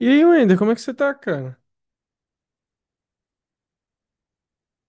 E aí, Wender, como é que você tá, cara?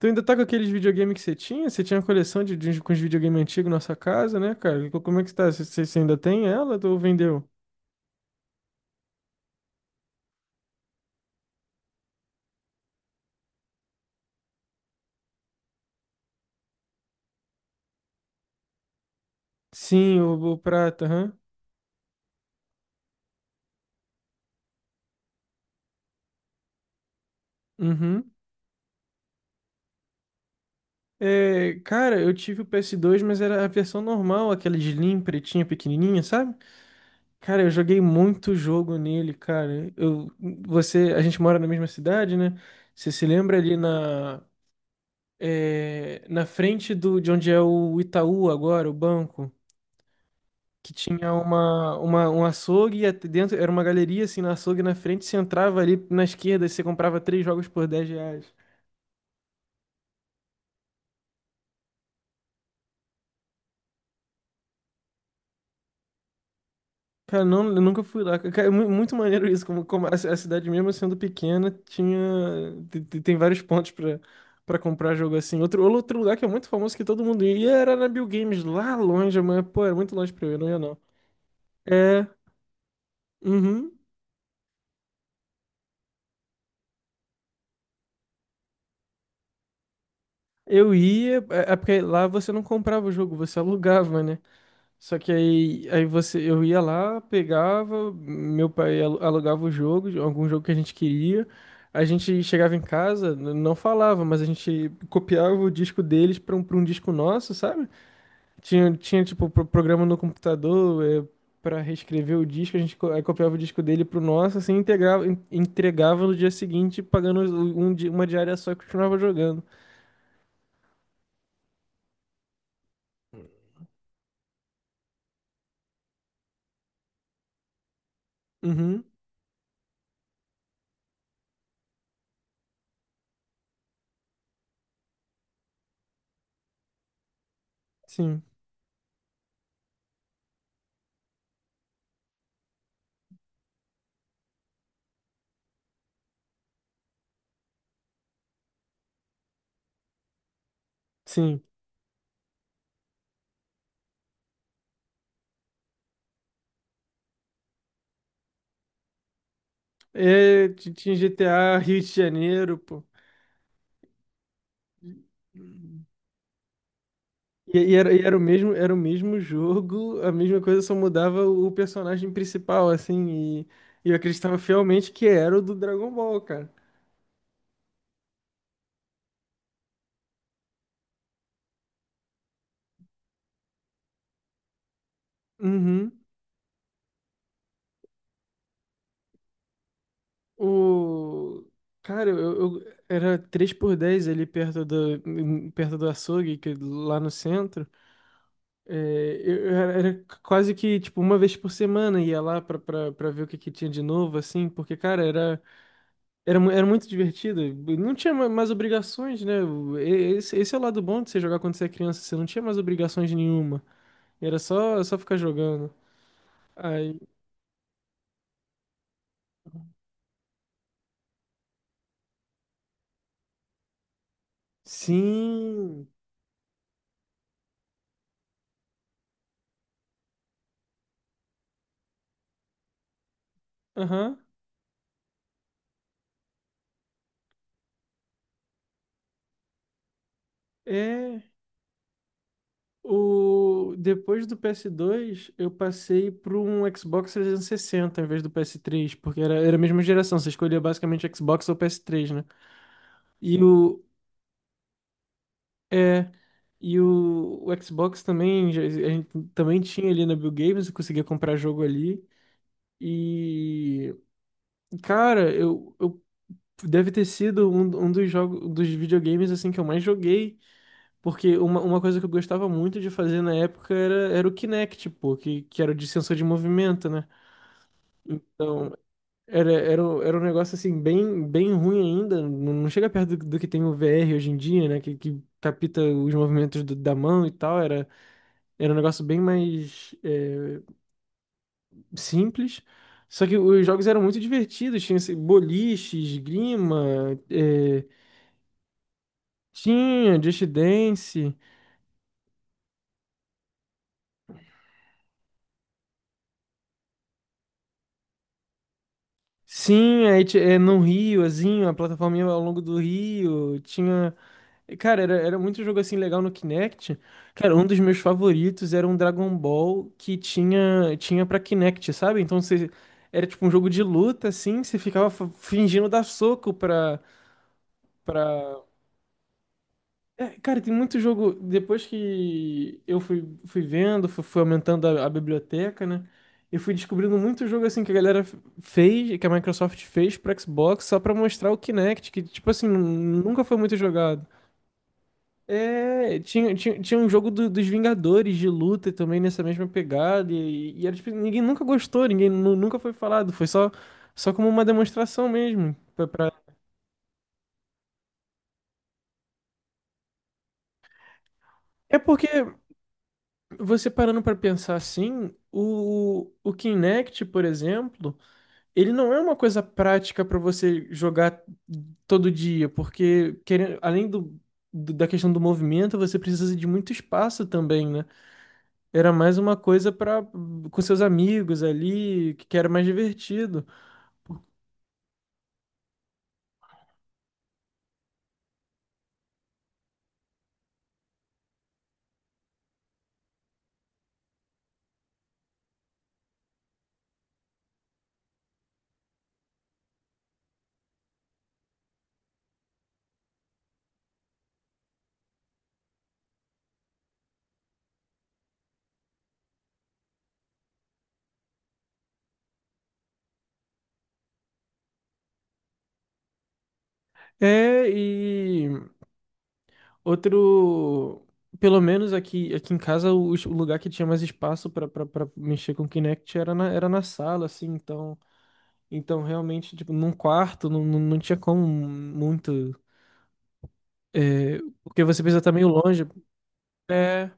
Tu ainda tá com aqueles videogames que você tinha? Você tinha uma coleção de com os videogame antigos na sua casa, né, cara? Como é que você tá? Você ainda tem ela ou vendeu? Sim, o prata, aham. Uhum. É, cara, eu tive o PS2, mas era a versão normal, aquela de Slim, pretinha, pequenininha, sabe? Cara, eu joguei muito jogo nele, cara. Você, a gente mora na mesma cidade, né? Você se lembra ali na frente do, de onde é o Itaú agora, o banco? Que tinha um açougue dentro era uma galeria assim no açougue na frente, você entrava ali na esquerda e você comprava três jogos por R$ 10. Cara, não, eu nunca fui lá. Cara, é muito maneiro isso, como a cidade mesmo sendo pequena tinha tem vários pontos para comprar jogo assim. Outro lugar que é muito famoso que todo mundo ia era na Bill Games lá longe, mas pô, era muito longe pra eu, ir, eu não ia não. É, uhum. Eu ia, é porque lá você não comprava o jogo, você alugava, né? Só que aí eu ia lá, pegava, meu pai alugava o jogo, algum jogo que a gente queria. A gente chegava em casa, não falava, mas a gente copiava o disco deles para um disco nosso, sabe? Tinha tipo, programa no computador, para reescrever o disco, a gente aí copiava o disco dele pro nosso, assim, integrava, entregava no dia seguinte, pagando uma diária só e continuava jogando. Uhum, sim, sim. É, tinha GTA Rio de Janeiro, pô. E era o mesmo, era o mesmo jogo, a mesma coisa, só mudava o personagem principal, assim, e eu acreditava fielmente que era o do Dragon Ball, cara. Uhum. O... Cara, era três por dez, ali perto do açougue, que, lá no centro. É, eu era era quase que, tipo, uma vez por semana ia lá pra ver o que tinha de novo, assim, porque, cara, era muito divertido. Não tinha mais obrigações, né? Esse é o lado bom de você jogar quando você é criança. Você não tinha mais obrigações nenhuma. Era só ficar jogando. Aí, sim. Aham. É. Depois do PS2, eu passei para um Xbox 360 em vez do PS3, porque era a mesma geração. Você escolhia basicamente Xbox ou PS3, né? E o. É. E o Xbox também, a gente também tinha ali na Bill Games, eu conseguia comprar jogo ali. E, cara, eu deve ter sido um dos jogos, dos videogames assim que eu mais joguei, porque uma coisa que eu gostava muito de fazer na época era o Kinect, pô, que era o de sensor de movimento, né? Então, era um negócio assim bem ruim ainda, não chega perto do que tem o VR hoje em dia, né? Que, capta os movimentos da mão e tal, era um negócio bem mais simples. Só que os jogos eram muito divertidos, tinha esse boliche, esgrima, tinha Just Dance, sim, aí no Rio, azinho, a plataforma ao longo do Rio, tinha. Cara, era muito jogo, assim, legal no Kinect. Cara, um dos meus favoritos era um Dragon Ball que tinha pra Kinect, sabe? Era tipo um jogo de luta, assim, você ficava fingindo dar soco pra, É, cara, tem muito jogo. Depois que eu fui vendo, fui aumentando a biblioteca, né? Eu fui descobrindo muito jogo assim que a galera fez, que a Microsoft fez pro Xbox só pra mostrar o Kinect, que, tipo assim, nunca foi muito jogado. É, tinha um jogo dos Vingadores de luta também nessa mesma pegada, e, era, tipo, ninguém nunca gostou, ninguém nunca foi falado, foi só como uma demonstração mesmo. É porque você parando para pensar assim, o Kinect, por exemplo, ele não é uma coisa prática para você jogar todo dia, porque querendo, além da questão do movimento, você precisa de muito espaço também, né? Era mais uma coisa para com seus amigos ali, que era mais divertido. É, e outro pelo menos aqui, aqui em casa, o lugar que tinha mais espaço para mexer com o Kinect era era na sala, assim, então. Então, realmente, tipo, num quarto não tinha como muito. É, porque você precisa estar meio longe. É.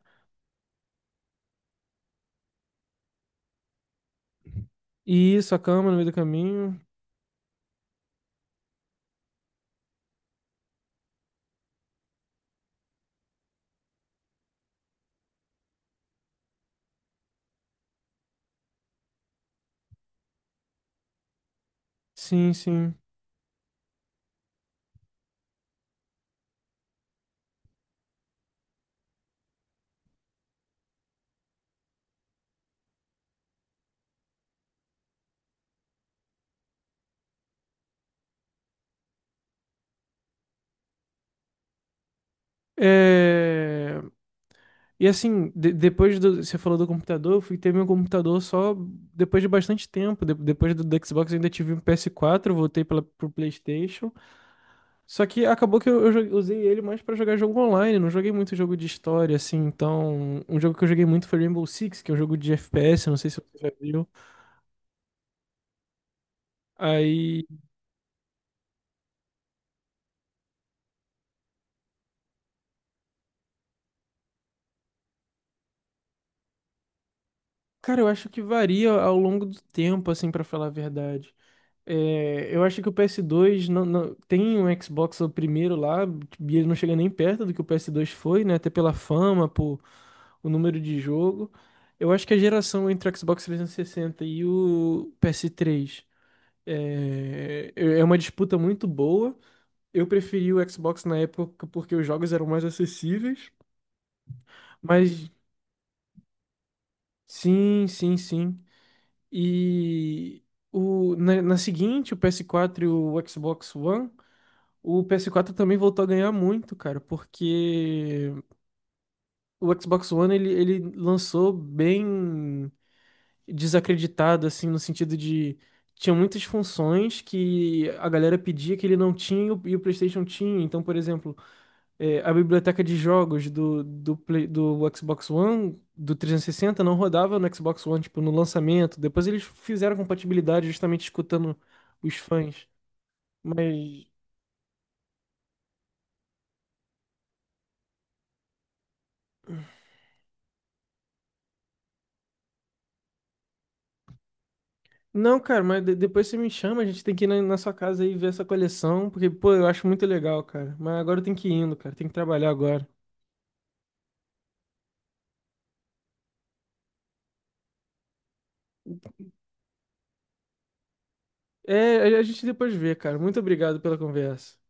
E isso, a cama no meio do caminho. Sim, sim. É, e assim, de- depois do. Você falou do computador, eu fui ter meu computador só depois de bastante tempo. Depois do Xbox, eu ainda tive um PS4, voltei pro PlayStation. Só que acabou que usei ele mais pra jogar jogo online, não joguei muito jogo de história, assim, então. Um jogo que eu joguei muito foi Rainbow Six, que é um jogo de FPS, não sei se você já viu. Aí, cara, eu acho que varia ao longo do tempo, assim, pra falar a verdade. É, eu acho que o PS2 tem um Xbox o primeiro lá, e ele não chega nem perto do que o PS2 foi, né? Até pela fama, por o número de jogo. Eu acho que a geração entre o Xbox 360 e sessenta e o PS3 é uma disputa muito boa. Eu preferi o Xbox na época porque os jogos eram mais acessíveis. Mas sim, sim, sim. E na seguinte, o PS4 e o Xbox One, o PS4 também voltou a ganhar muito, cara, porque o Xbox One ele lançou bem desacreditado, assim, no sentido de. Tinha muitas funções que a galera pedia que ele não tinha e o PlayStation tinha. Então, por exemplo, a biblioteca de jogos do Xbox One, do 360, não rodava no Xbox One, tipo, no lançamento. Depois eles fizeram compatibilidade justamente escutando os fãs. Mas. Não, cara, mas depois você me chama, a gente tem que ir na sua casa aí ver essa coleção, porque, pô, eu acho muito legal, cara. Mas agora eu tenho que ir indo, cara, tem que trabalhar agora. É, a gente depois vê, cara. Muito obrigado pela conversa.